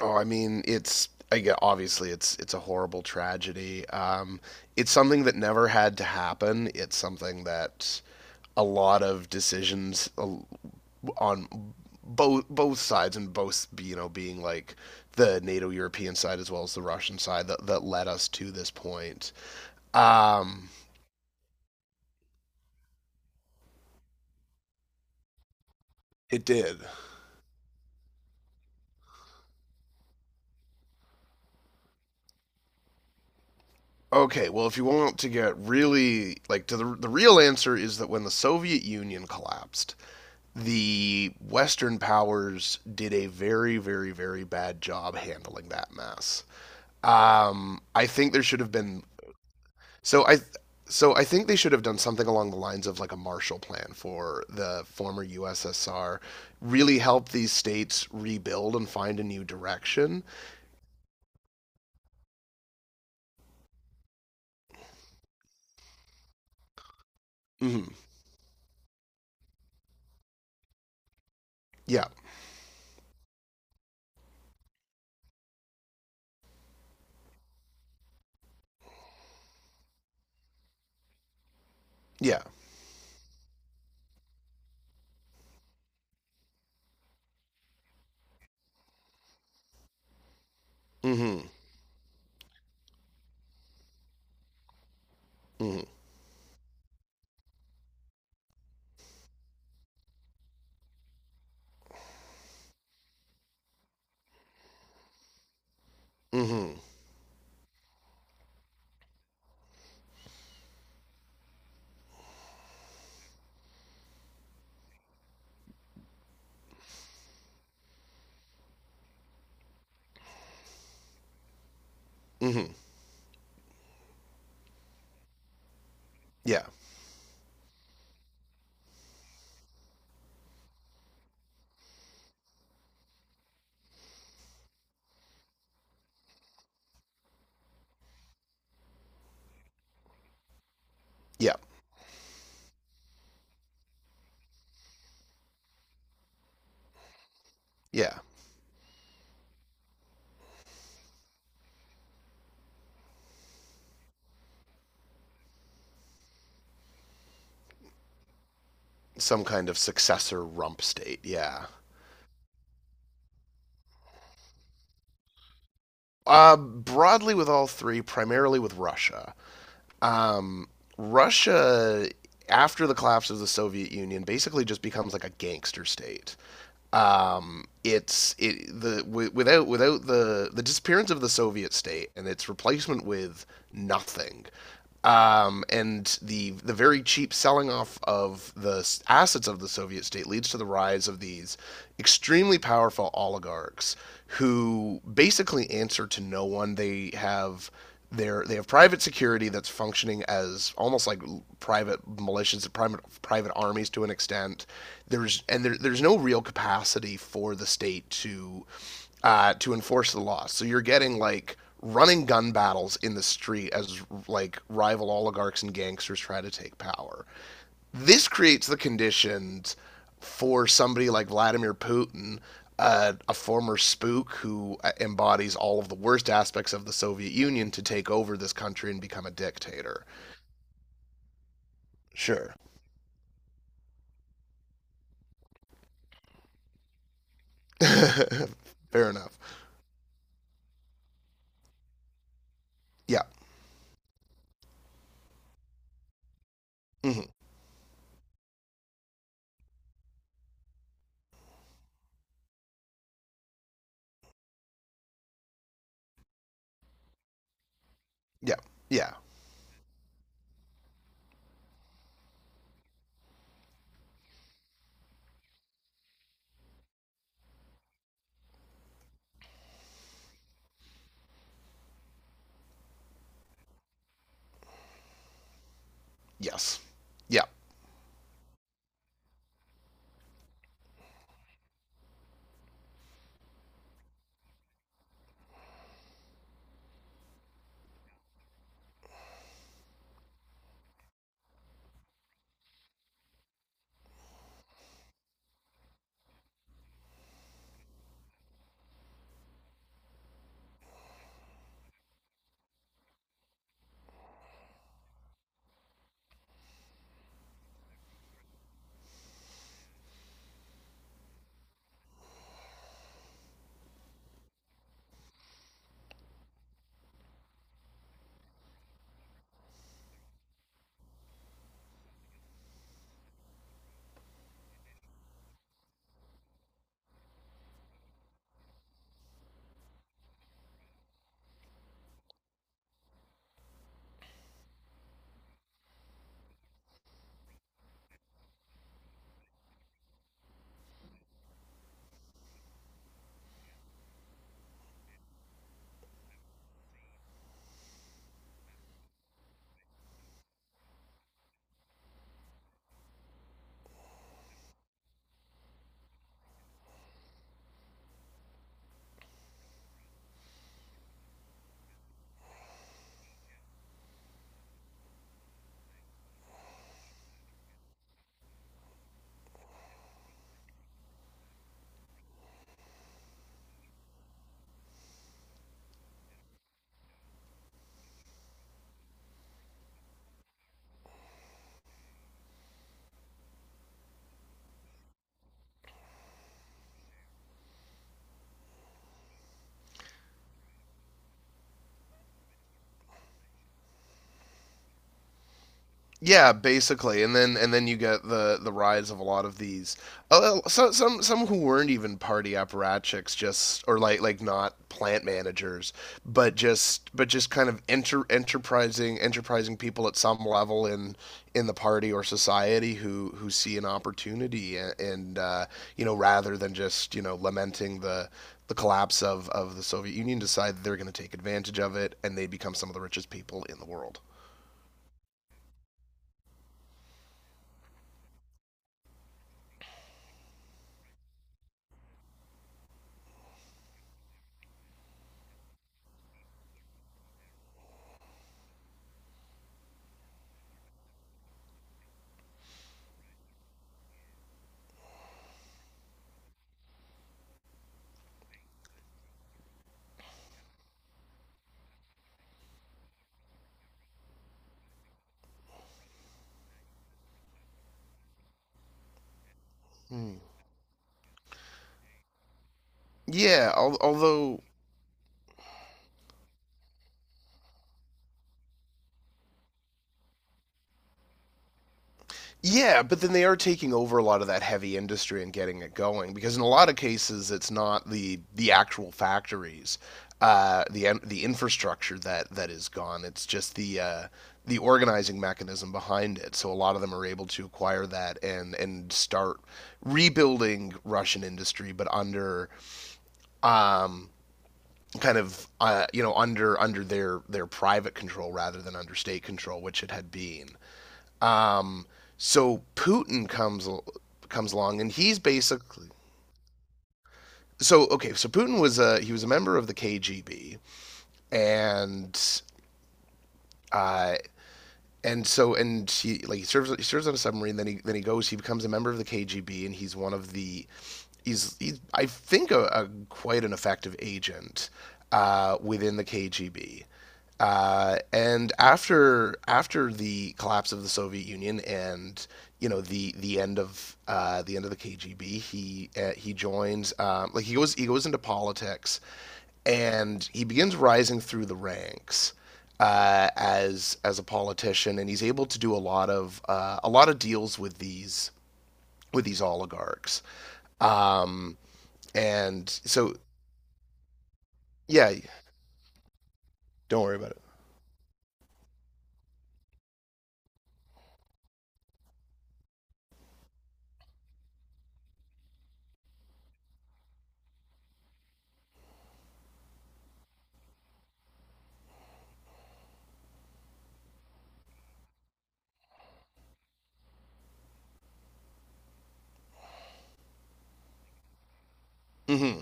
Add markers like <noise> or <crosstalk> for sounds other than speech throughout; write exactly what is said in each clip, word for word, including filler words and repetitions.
Oh, I mean, it's again, obviously it's it's a horrible tragedy. Um, it's something that never had to happen. It's something that a lot of decisions uh, on both both sides, and both, you know, being like the NATO European side as well as the Russian side that that led us to this point. Um, it did. Okay, well, if you want to get really like to the the real answer is that when the Soviet Union collapsed, the Western powers did a very, very, very bad job handling that mess. Um, I think there should have been so I so I think they should have done something along the lines of like a Marshall Plan for the former U S S R, really help these states rebuild and find a new direction. Mm-hmm. Yeah, yeah. Mm-hmm. Mm-hmm. Mm-hmm. Mm-hmm. Yeah, yeah, yeah. Some kind of successor rump state. Yeah. Uh, broadly with all three, primarily with Russia. Um, Russia, after the collapse of the Soviet Union, basically just becomes like a gangster state it's it the wi- without without the the disappearance of the Soviet state and its replacement with nothing, um, and the the very cheap selling off of the assets of the Soviet state leads to the rise of these extremely powerful oligarchs who basically answer to no one. They have they're, they have private security that's functioning as almost like private militias, private private armies to an extent. There's and there, there's no real capacity for the state to uh, to enforce the law. So you're getting like running gun battles in the street as like rival oligarchs and gangsters try to take power. This creates the conditions for somebody like Vladimir Putin, uh, a former spook who uh, embodies all of the worst aspects of the Soviet Union, to take over this country and become a dictator. Sure. <laughs> Fair enough. Yeah. Hmm. Yeah. Yeah. Yes. Yeah. Yeah, basically, and then and then you get the the rise of a lot of these. Uh, uh, so, some some who weren't even party apparatchiks, just or like like not plant managers, but just but just kind of enter, enterprising enterprising people at some level in in the party or society who who see an opportunity, and, and uh, you know, rather than just, you know, lamenting the the collapse of of the Soviet Union, decide they're going to take advantage of it and they become some of the richest people in the world. Hmm. Yeah, al- although yeah, but then they are taking over a lot of that heavy industry and getting it going, because in a lot of cases it's not the the actual factories, uh, the en- the infrastructure that that is gone. It's just the uh, the organizing mechanism behind it. So a lot of them are able to acquire that and and start rebuilding Russian industry, but under kind of, uh, you know, under under their their private control rather than under state control, which it had been. So Putin comes comes along and he's basically, so okay. So Putin was a, he was a member of the K G B, and uh, and so and he like he serves he serves on a submarine. Then he then he goes. He becomes a member of the K G B and he's one of the he's he's I think a, a quite an effective agent uh, within the K G B. Uh, and after after the collapse of the Soviet Union and, you know, the the end of, uh, the end of the K G B, he, uh, he joins, um, like he goes he goes into politics, and he begins rising through the ranks, uh, as as a politician, and he's able to do a lot of, uh, a lot of deals with these, with these oligarchs. Um, and so yeah, don't worry about it. Mm hmm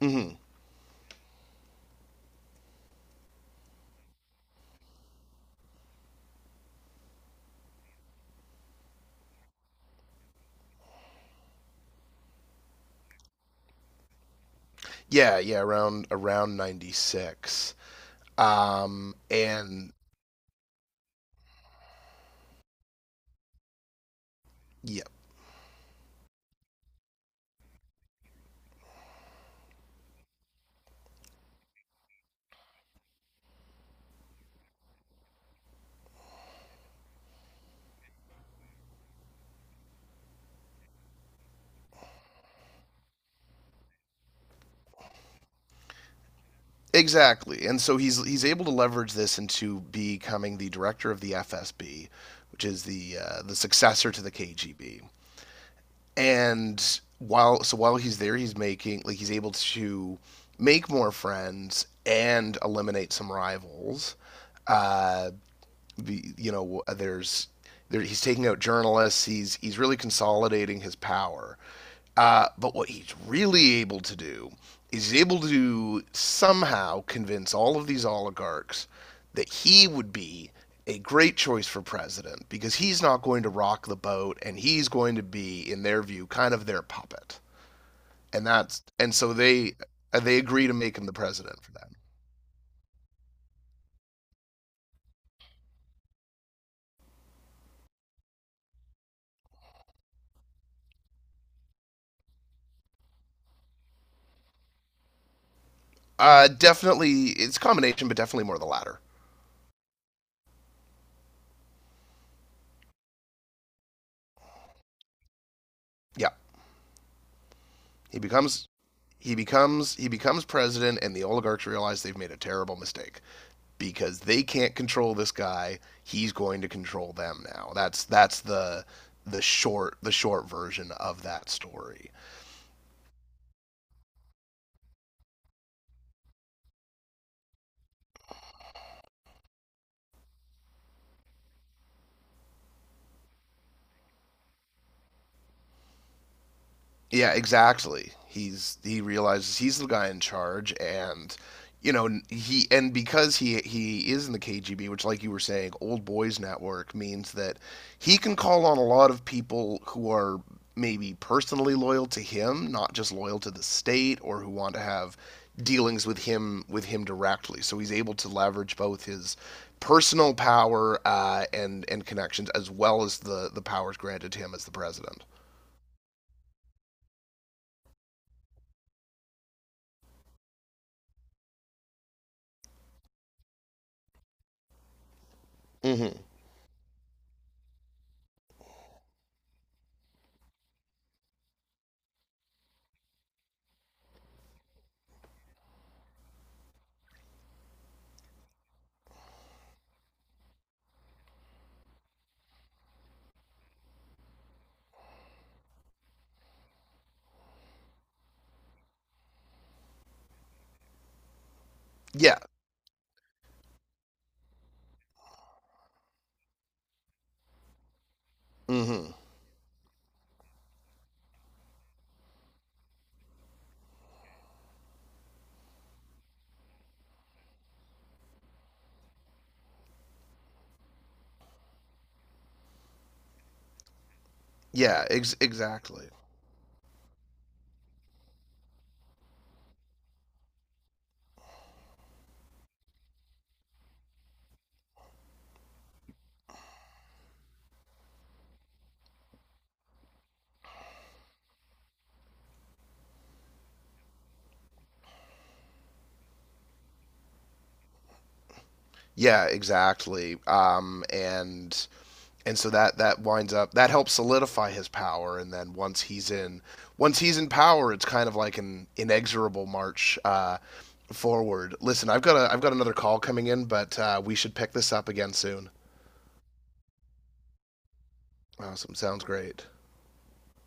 mm hmm Yeah, yeah, around around ninety-six. Um, and yeah, exactly. And so he's he's able to leverage this into becoming the director of the F S B, which is the, uh, the successor to the K G B. And while, so while he's there, he's making, like, he's able to make more friends and eliminate some rivals. Uh the, you know, there's there, he's taking out journalists. He's he's really consolidating his power. Uh, but what he's really able to do is he's able to somehow convince all of these oligarchs that he would be a great choice for president because he's not going to rock the boat, and he's going to be, in their view, kind of their puppet. And that's and so they uh, they agree to make him the president for them. Uh, definitely it's a combination, but definitely more the latter. Yeah, he becomes he becomes he becomes president and the oligarchs realize they've made a terrible mistake because they can't control this guy, he's going to control them now. That's that's the the short, the short version of that story. Yeah, exactly. He's he realizes he's the guy in charge, and, you know, he, and because he he is in the K G B, which, like you were saying, old boys network, means that he can call on a lot of people who are maybe personally loyal to him, not just loyal to the state, or who want to have dealings with him, with him directly. So he's able to leverage both his personal power, uh, and and connections, as well as the the powers granted to him as the president. Hmm. Yeah. Hmm. Yeah, ex- exactly. Yeah, exactly. Um, and and so that that winds up, that helps solidify his power. And then once he's in once he's in power, it's kind of like an inexorable march, uh, forward. Listen, I've got a, I've got another call coming in, but, uh, we should pick this up again soon. Awesome, sounds great.